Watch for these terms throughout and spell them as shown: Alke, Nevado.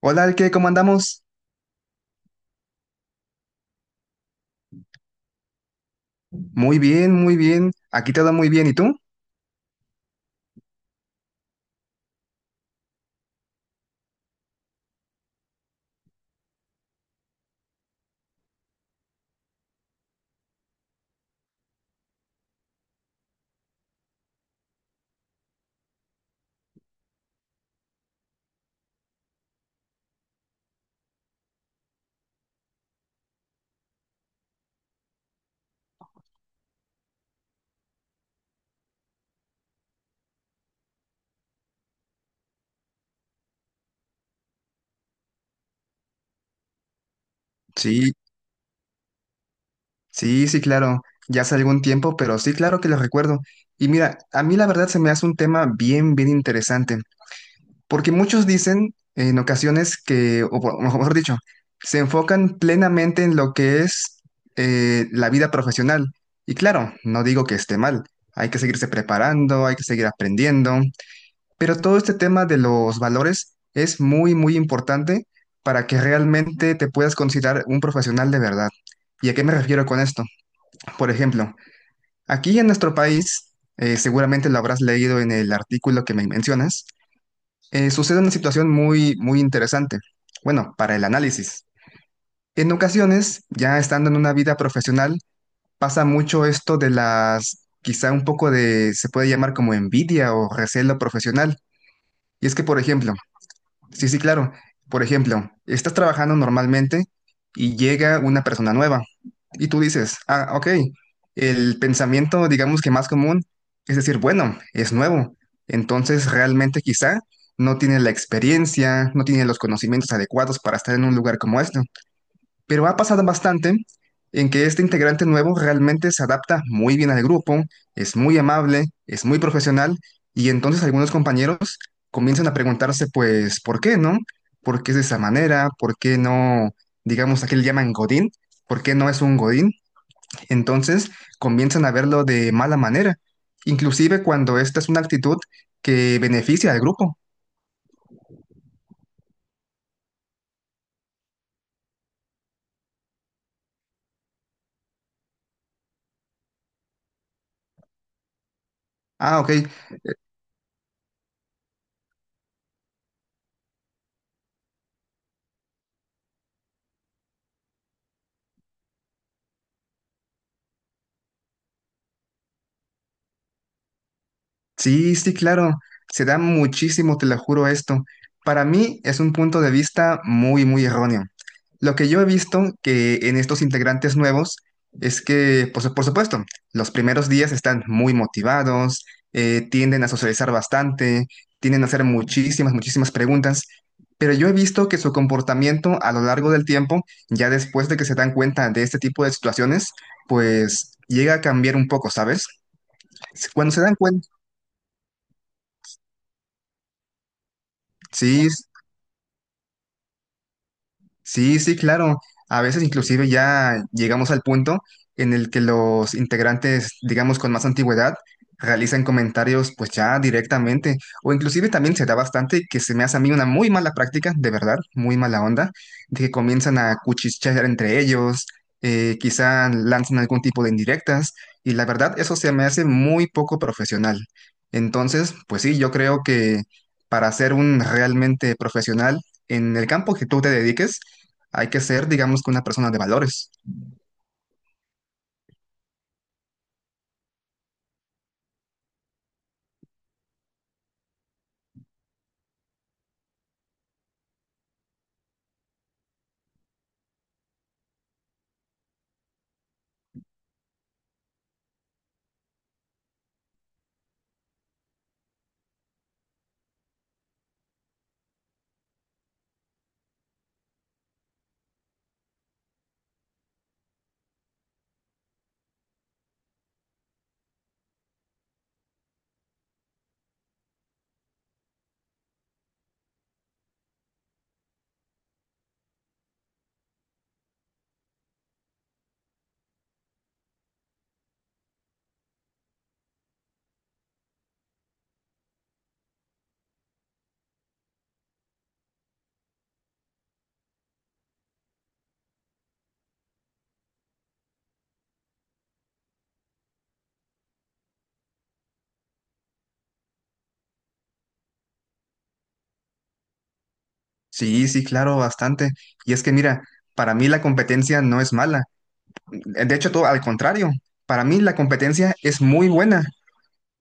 Hola, Alke, ¿cómo andamos? Muy bien, muy bien. Aquí todo muy bien. ¿Y tú? Sí, sí, sí, claro. Ya hace algún tiempo, pero sí, claro que lo recuerdo. Y mira, a mí la verdad se me hace un tema bien, bien interesante, porque muchos dicen en ocasiones que, mejor dicho, se enfocan plenamente en lo que es la vida profesional. Y claro, no digo que esté mal. Hay que seguirse preparando, hay que seguir aprendiendo. Pero todo este tema de los valores es muy, muy importante para que realmente te puedas considerar un profesional de verdad. ¿Y a qué me refiero con esto? Por ejemplo, aquí en nuestro país, seguramente lo habrás leído en el artículo que me mencionas, sucede una situación muy, muy interesante. Bueno, para el análisis. En ocasiones, ya estando en una vida profesional, pasa mucho esto de las, quizá un poco de, se puede llamar como envidia o recelo profesional. Y es que, por ejemplo, sí, sí, claro. Por ejemplo, estás trabajando normalmente y llega una persona nueva y tú dices, ah, ok, el pensamiento, digamos que más común, es decir, bueno, es nuevo. Entonces, realmente quizá no tiene la experiencia, no tiene los conocimientos adecuados para estar en un lugar como este. Pero ha pasado bastante en que este integrante nuevo realmente se adapta muy bien al grupo, es muy amable, es muy profesional, y entonces algunos compañeros comienzan a preguntarse, pues, ¿por qué no? ¿Por qué es de esa manera? ¿Por qué no, digamos, aquí le llaman Godín? ¿Por qué no es un Godín? Entonces comienzan a verlo de mala manera, inclusive cuando esta es una actitud que beneficia al grupo. Ah, ok. Sí, sí, claro. Se da muchísimo, te lo juro esto. Para mí es un punto de vista muy, muy erróneo. Lo que yo he visto que en estos integrantes nuevos es que, pues, por supuesto, los primeros días están muy motivados, tienden a socializar bastante, tienden a hacer muchísimas, muchísimas preguntas, pero yo he visto que su comportamiento a lo largo del tiempo, ya después de que se dan cuenta de este tipo de situaciones, pues llega a cambiar un poco, ¿sabes? Cuando se dan cuenta, sí. Sí, sí, claro. A veces inclusive ya llegamos al punto en el que los integrantes, digamos, con más antigüedad, realizan comentarios pues ya directamente. O inclusive también se da bastante que se me hace a mí una muy mala práctica, de verdad, muy mala onda, de que comienzan a cuchichear entre ellos, quizá lanzan algún tipo de indirectas, y la verdad eso se me hace muy poco profesional. Entonces, pues sí, yo creo que para ser un realmente profesional en el campo que tú te dediques, hay que ser, digamos, que una persona de valores. Sí, sí, claro, bastante. Y es que mira, para mí la competencia no es mala. De hecho, todo al contrario. Para mí la competencia es muy buena.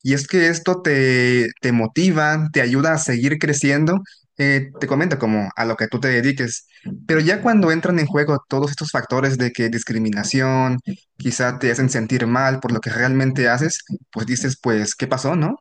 Y es que esto te, te motiva, te ayuda a seguir creciendo. Te comento como a lo que tú te dediques. Pero ya cuando entran en juego todos estos factores de que discriminación, quizá te hacen sentir mal por lo que realmente haces, pues dices, pues, ¿qué pasó, no?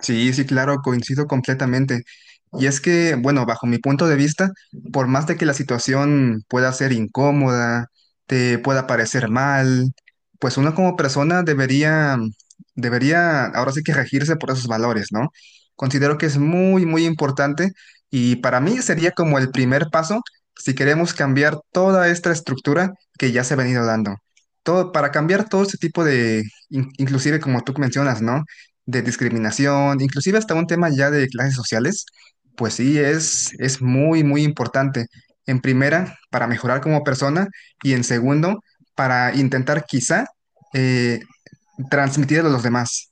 Sí, sí, claro, coincido completamente. Y es que, bueno, bajo mi punto de vista, por más de que la situación pueda ser incómoda, te pueda parecer mal, pues uno como persona debería ahora sí que regirse por esos valores, ¿no? Considero que es muy, muy importante y para mí sería como el primer paso si queremos cambiar toda esta estructura que ya se ha venido dando. Todo, para cambiar todo este tipo de, inclusive como tú mencionas, ¿no? De discriminación, inclusive hasta un tema ya de clases sociales, pues sí, es muy, muy importante. En primera, para mejorar como persona y en segundo, para intentar quizá eh, transmitir a los demás.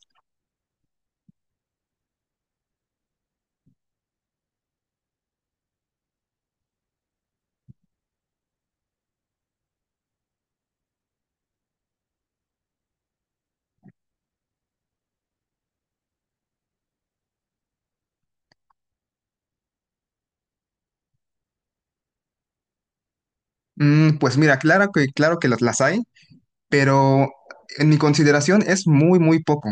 Mm, pues mira, claro que las hay. Pero en mi consideración es muy, muy poco.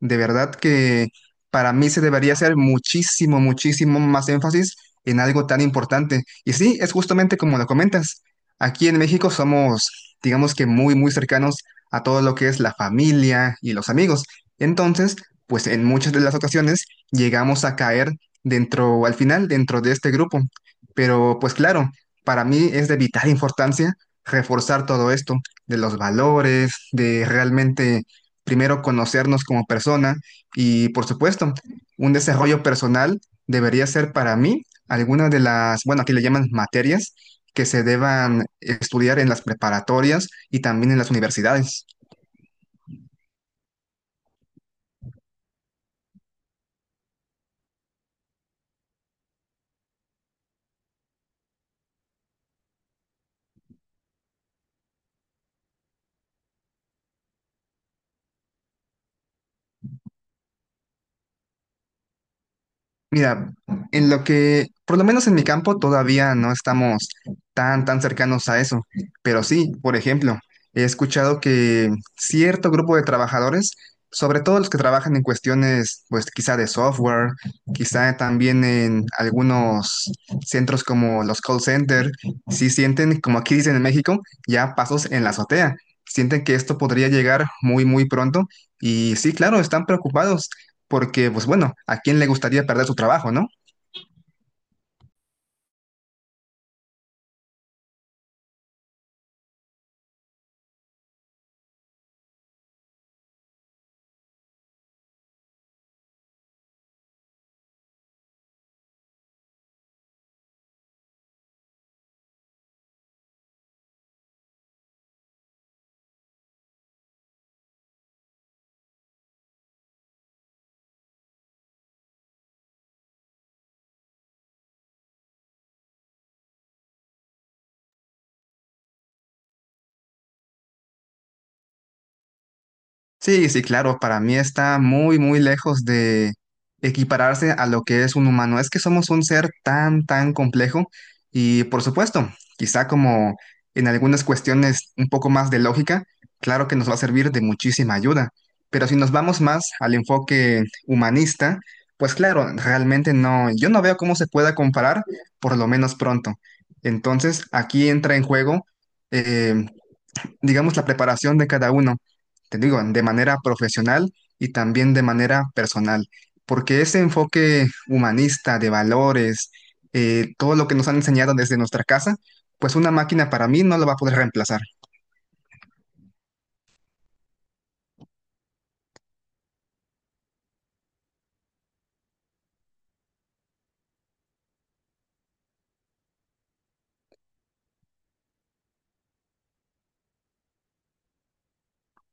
De verdad que para mí se debería hacer muchísimo, muchísimo más énfasis en algo tan importante. Y sí, es justamente como lo comentas. Aquí en México somos, digamos que muy, muy cercanos a todo lo que es la familia y los amigos. Entonces, pues en muchas de las ocasiones llegamos a caer dentro, al final, dentro de este grupo. Pero pues claro, para mí es de vital importancia reforzar todo esto de los valores, de realmente primero conocernos como persona y por supuesto, un desarrollo personal debería ser para mí alguna de las, bueno, aquí le llaman materias que se deban estudiar en las preparatorias y también en las universidades. Mira, en lo que, por lo menos en mi campo, todavía no estamos tan, tan cercanos a eso. Pero sí, por ejemplo, he escuchado que cierto grupo de trabajadores, sobre todo los que trabajan en cuestiones, pues quizá de software, quizá también en algunos centros como los call center, sí sienten, como aquí dicen en México, ya pasos en la azotea. Sienten que esto podría llegar muy, muy pronto. Y sí, claro, están preocupados porque, pues bueno, ¿a quién le gustaría perder su trabajo, no? Sí, sí, claro, para mí está muy, muy lejos de equipararse a lo que es un humano. Es que somos un ser tan, tan complejo y, por supuesto, quizá como en algunas cuestiones un poco más de lógica, claro que nos va a servir de muchísima ayuda. Pero si nos vamos más al enfoque humanista, pues claro, realmente no, yo no veo cómo se pueda comparar, por lo menos pronto. Entonces, aquí entra en juego eh, digamos, la preparación de cada uno, te digo, de manera profesional y también de manera personal, porque ese enfoque humanista de valores, todo lo que nos han enseñado desde nuestra casa, pues una máquina para mí no lo va a poder reemplazar.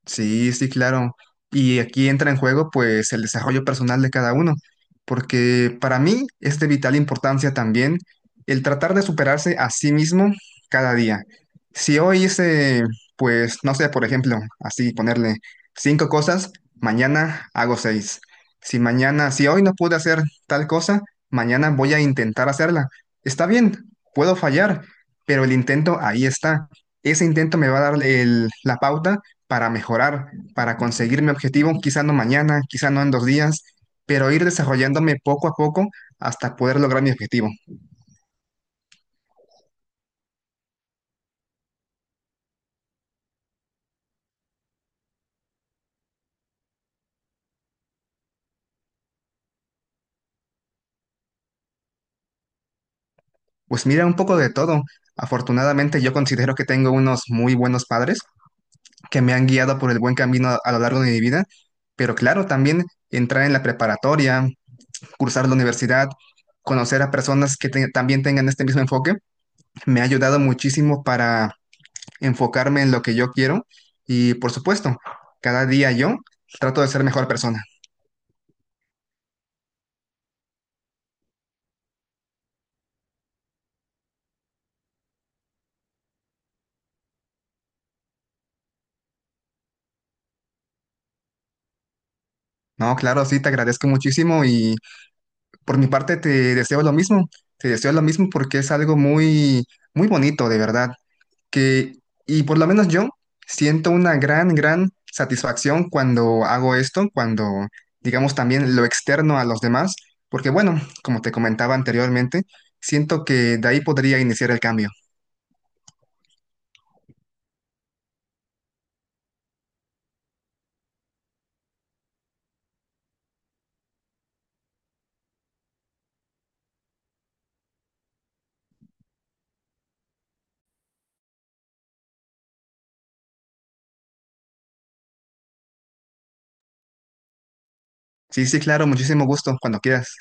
Sí, sí, claro. Y aquí entra en juego pues el desarrollo personal de cada uno, porque para mí es de vital importancia también el tratar de superarse a sí mismo cada día. Si hoy hice, pues, no sé, por ejemplo, así ponerle cinco cosas, mañana hago seis. Si mañana, si hoy no pude hacer tal cosa, mañana voy a intentar hacerla. Está bien, puedo fallar, pero el intento ahí está. Ese intento me va a dar la pauta para mejorar, para conseguir mi objetivo, quizá no mañana, quizá no en dos días, pero ir desarrollándome poco a poco hasta poder lograr mi objetivo. Pues mira, un poco de todo. Afortunadamente yo considero que tengo unos muy buenos padres que me han guiado por el buen camino a lo largo de mi vida, pero claro, también entrar en la preparatoria, cursar la universidad, conocer a personas que también tengan este mismo enfoque, me ha ayudado muchísimo para enfocarme en lo que yo quiero y por supuesto, cada día yo trato de ser mejor persona. No, claro, sí, te agradezco muchísimo y por mi parte te deseo lo mismo, te deseo lo mismo porque es algo muy, muy bonito, de verdad, que, y por lo menos yo siento una gran, gran satisfacción cuando hago esto, cuando, digamos, también lo externo a los demás, porque bueno, como te comentaba anteriormente, siento que de ahí podría iniciar el cambio. Sí, sí, claro, muchísimo gusto, cuando quieras.